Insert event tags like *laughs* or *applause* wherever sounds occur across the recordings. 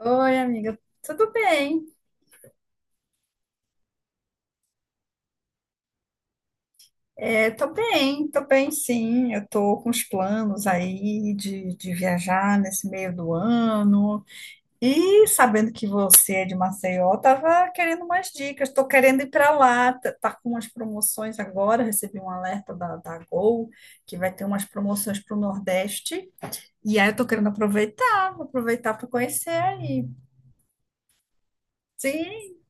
Oi, amiga. Tudo bem? É, tô bem, sim. Eu tô com os planos aí de viajar nesse meio do ano. E sabendo que você é de Maceió, eu tava querendo umas dicas. Tô querendo ir para lá. Tá, tá com umas promoções agora. Recebi um alerta da Gol que vai ter umas promoções para o Nordeste. E aí eu tô querendo aproveitar, vou aproveitar para conhecer aí. Sim,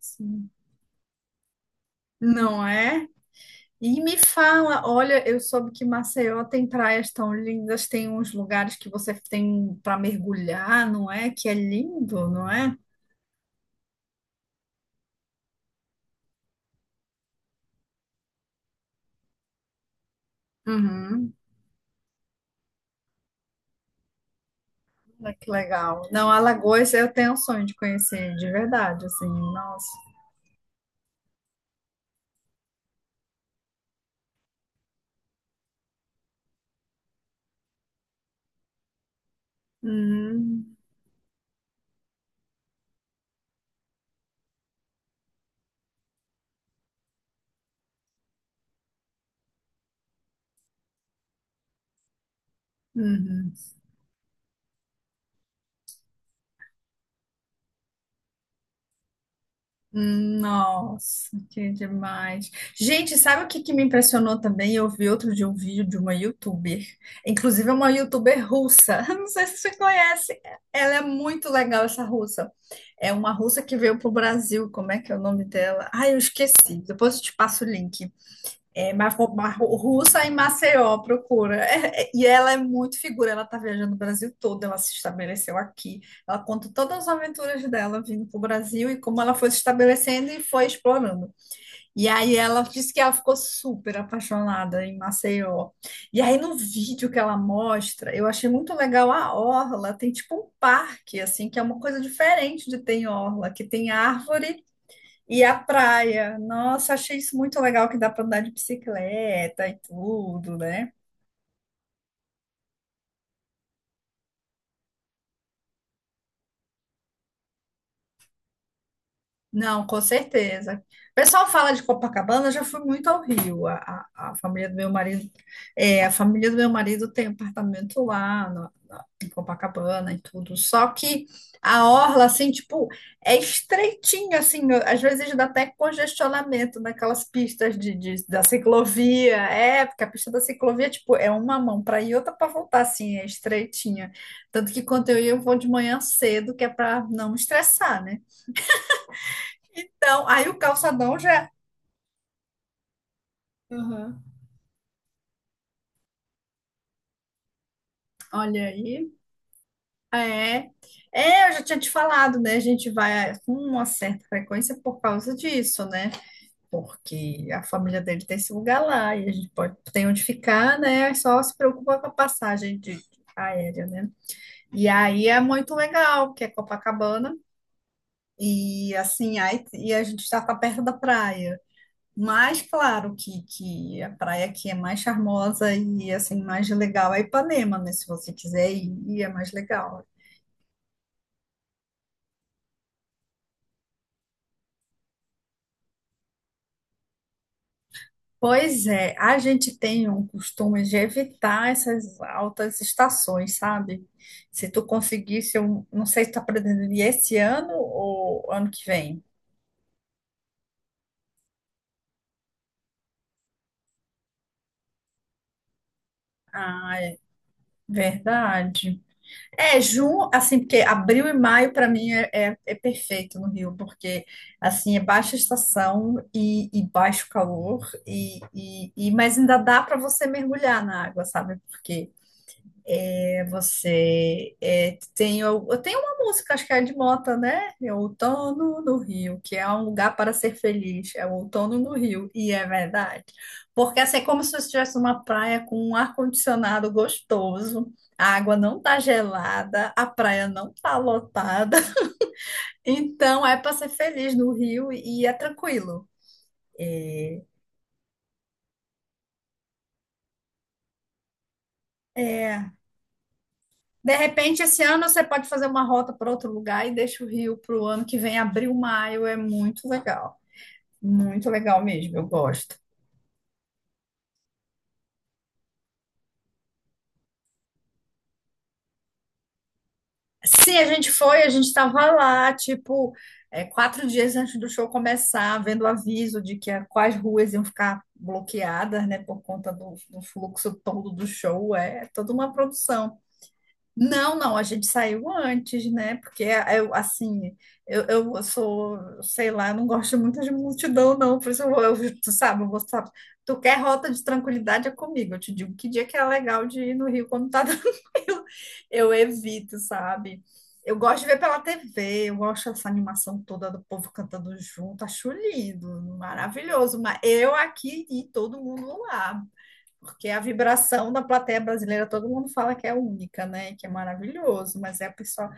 sim. Não é? E me fala, olha, eu soube que Maceió tem praias tão lindas, tem uns lugares que você tem para mergulhar, não é? Que é lindo, não é? Uhum. Olha que legal. Não, Alagoas eu tenho um sonho de conhecer, de verdade, assim, nossa. Uhum. Uhum. Nossa, que demais. Gente, sabe o que me impressionou também? Eu vi outro dia um vídeo de uma youtuber, inclusive é uma youtuber russa. *laughs* Não sei se você conhece. Ela é muito legal, essa russa. É uma russa que veio pro Brasil. Como é que é o nome dela? Ai, eu esqueci. Depois eu te passo o link. É, Marco, russa em Maceió procura. É, e ela é muito figura, ela tá viajando o Brasil todo, ela se estabeleceu aqui. Ela conta todas as aventuras dela vindo pro Brasil e como ela foi se estabelecendo e foi explorando. E aí ela disse que ela ficou super apaixonada em Maceió. E aí no vídeo que ela mostra, eu achei muito legal a orla, tem tipo um parque assim, que é uma coisa diferente de ter em orla, que tem árvore e a praia. Nossa, achei isso muito legal que dá para andar de bicicleta e tudo, né? Não, com certeza. O pessoal fala de Copacabana, eu já fui muito ao Rio. A família do meu marido, é, a família do meu marido tem apartamento em Copacabana e tudo. Só que a orla, assim, tipo, é estreitinha, assim, às vezes dá até congestionamento naquelas pistas da ciclovia. É, porque a pista da ciclovia, tipo, é uma mão para ir e outra para voltar, assim, é estreitinha. Tanto que quando eu ia, eu vou de manhã cedo, que é para não estressar, né? Então, aí o calçadão já. Uhum. Olha aí. É. É, eu já tinha te falado, né? A gente vai com uma certa frequência por causa disso, né? Porque a família dele tem esse lugar lá e a gente pode tem onde ficar, né? É só se preocupa com a passagem de aérea, né? E aí é muito legal, porque é Copacabana e assim, aí e a gente já tá perto da praia. Mas claro que a praia que é mais charmosa e assim mais legal é Ipanema, né? Se você quiser ir é mais legal. Pois é, a gente tem um costume de evitar essas altas estações, sabe? Se tu conseguisse, eu não sei se tá pretendendo ir esse ano ou ano que vem. Ah, é verdade. É, junho, assim, porque abril e maio para mim é perfeito no Rio, porque assim é baixa estação e baixo calor e mas ainda dá para você mergulhar na água, sabe? Porque é você. É, tem, eu tenho uma música, acho que é de Mota, né? É Outono no Rio, que é um lugar para ser feliz. É o outono no Rio, e é verdade. Porque assim, é como se eu estivesse numa praia com um ar-condicionado gostoso, a água não tá gelada, a praia não tá lotada. *laughs* Então é para ser feliz no Rio e é tranquilo. É. De repente, esse ano você pode fazer uma rota para outro lugar e deixa o Rio para o ano que vem, abril, maio, é muito legal. Muito legal mesmo, eu gosto. Sim, a gente foi, a gente estava lá, tipo, é, quatro dias antes do show começar, vendo o aviso de que quais ruas iam ficar bloqueadas, né, por conta do fluxo todo do show. É toda uma produção. Não, não, a gente saiu antes, né? Porque eh, eu, assim, eu sou, sei lá, não gosto muito de multidão, não. Por isso eu, eu tu sabe, eu vou, sabe, tu quer rota de tranquilidade é comigo. Eu te digo que dia que é legal de ir no Rio quando tá *laughs* tranquilo. Eu evito, sabe? Eu gosto de ver pela TV, eu gosto dessa animação toda do povo cantando junto, acho lindo, maravilhoso. Mas eu aqui e todo mundo lá. Porque a vibração da plateia brasileira, todo mundo fala que é única, né? Que é maravilhoso, mas é a pessoa.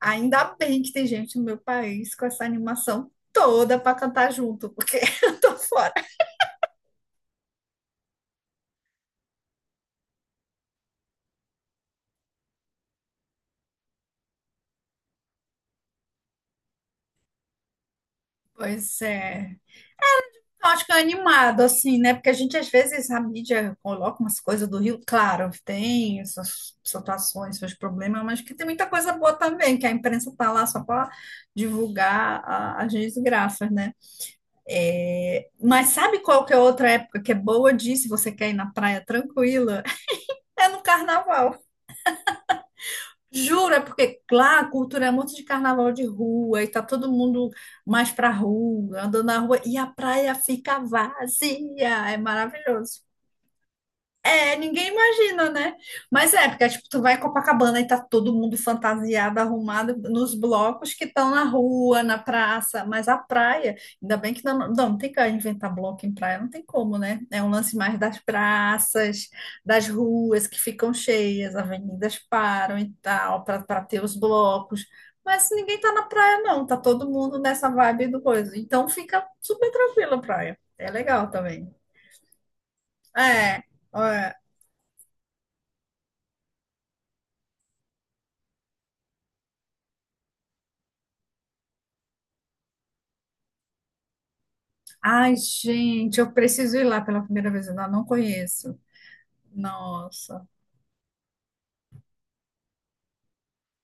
Ainda bem que tem gente no meu país com essa animação toda para cantar junto, porque *laughs* eu tô fora. Pois é. Eu acho que é animado, assim, né? Porque a gente, às vezes, a mídia coloca umas coisas do Rio, claro, tem essas situações, seus problemas, mas que tem muita coisa boa também, que a imprensa tá lá só para divulgar as desgraças, né? É, mas sabe qual que é outra época que é boa de ir, se você quer ir na praia tranquila? É no carnaval. Juro, é porque lá a cultura é muito de carnaval de rua e tá todo mundo mais pra rua, andando na rua e a praia fica vazia. É maravilhoso. É, ninguém imagina, né? Mas é, porque tipo, tu vai em Copacabana e tá todo mundo fantasiado, arrumado nos blocos que estão na rua, na praça, mas a praia, ainda bem que não, não, não tem que inventar bloco em praia, não tem como, né? É um lance mais das praças, das ruas que ficam cheias, avenidas param e tal, para ter os blocos. Mas ninguém tá na praia, não, tá todo mundo nessa vibe do coisa. Então fica super tranquila a praia. É legal também. É, é. Ai, gente, eu preciso ir lá pela primeira vez, eu ainda não conheço. Nossa.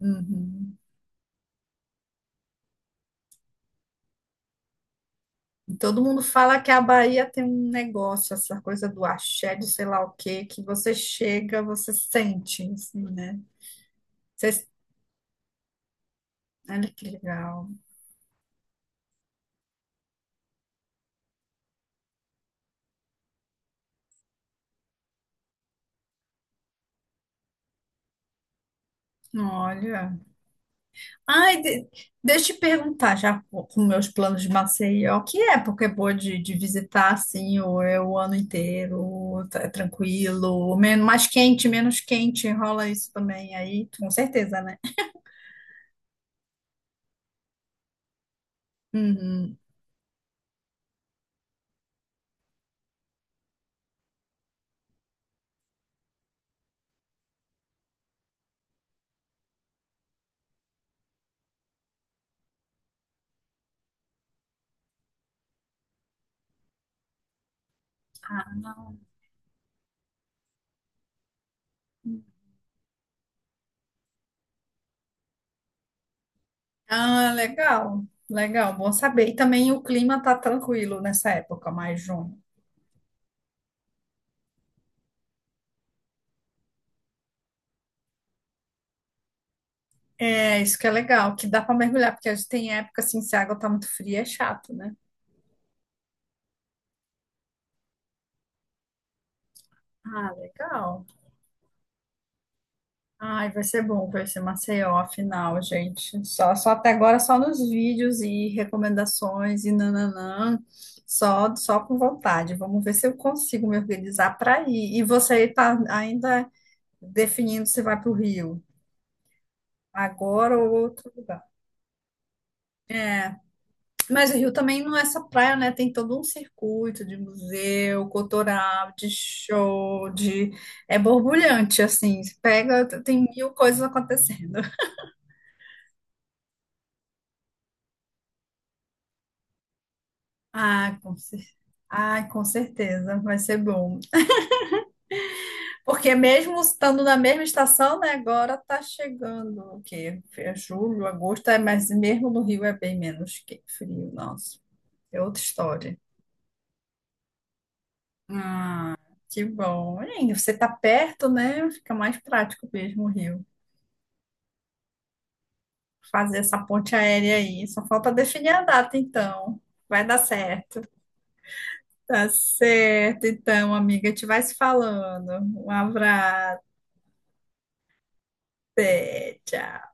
Uhum. E todo mundo fala que a Bahia tem um negócio, essa coisa do axé, de sei lá o quê, que você chega, você sente, assim, né? Vocês- Olha que legal. Olha. Ai, de- deixa eu te perguntar já com meus planos de Maceió, que época é boa de visitar assim, ou é o ano inteiro, é tranquilo, menos, mais quente, menos quente, rola isso também aí, com certeza, né? Uhum. Ah, ah, legal, legal, bom saber. E também o clima tá tranquilo nessa época, mais junho. É, isso que é legal, que dá para mergulhar, porque a gente tem época assim, se a água tá muito fria, é chato, né? Ah, legal. Ai, vai ser bom conhecer Maceió, afinal, gente. Só até agora, só nos vídeos e recomendações e nananã. Só com vontade. Vamos ver se eu consigo me organizar para ir. E você está ainda definindo se vai para o Rio, agora ou outro lugar. Mas o Rio também não é só praia, né? Tem todo um circuito de museu, cultural, de show, de... É borbulhante, assim. Você pega, tem mil coisas acontecendo. Ah, com cer... ah, com certeza, vai ser bom. Porque mesmo estando na mesma estação, né, agora tá chegando o quê? É julho, agosto, é, mas mesmo no Rio é bem menos que frio, nossa. É outra história. Ah, que bom. E você tá perto, né? Fica mais prático mesmo o Rio. Fazer essa ponte aérea aí. Só falta definir a data, então. Vai dar certo. Tá certo, então, amiga. A gente vai se falando. Um abraço. Até, tchau.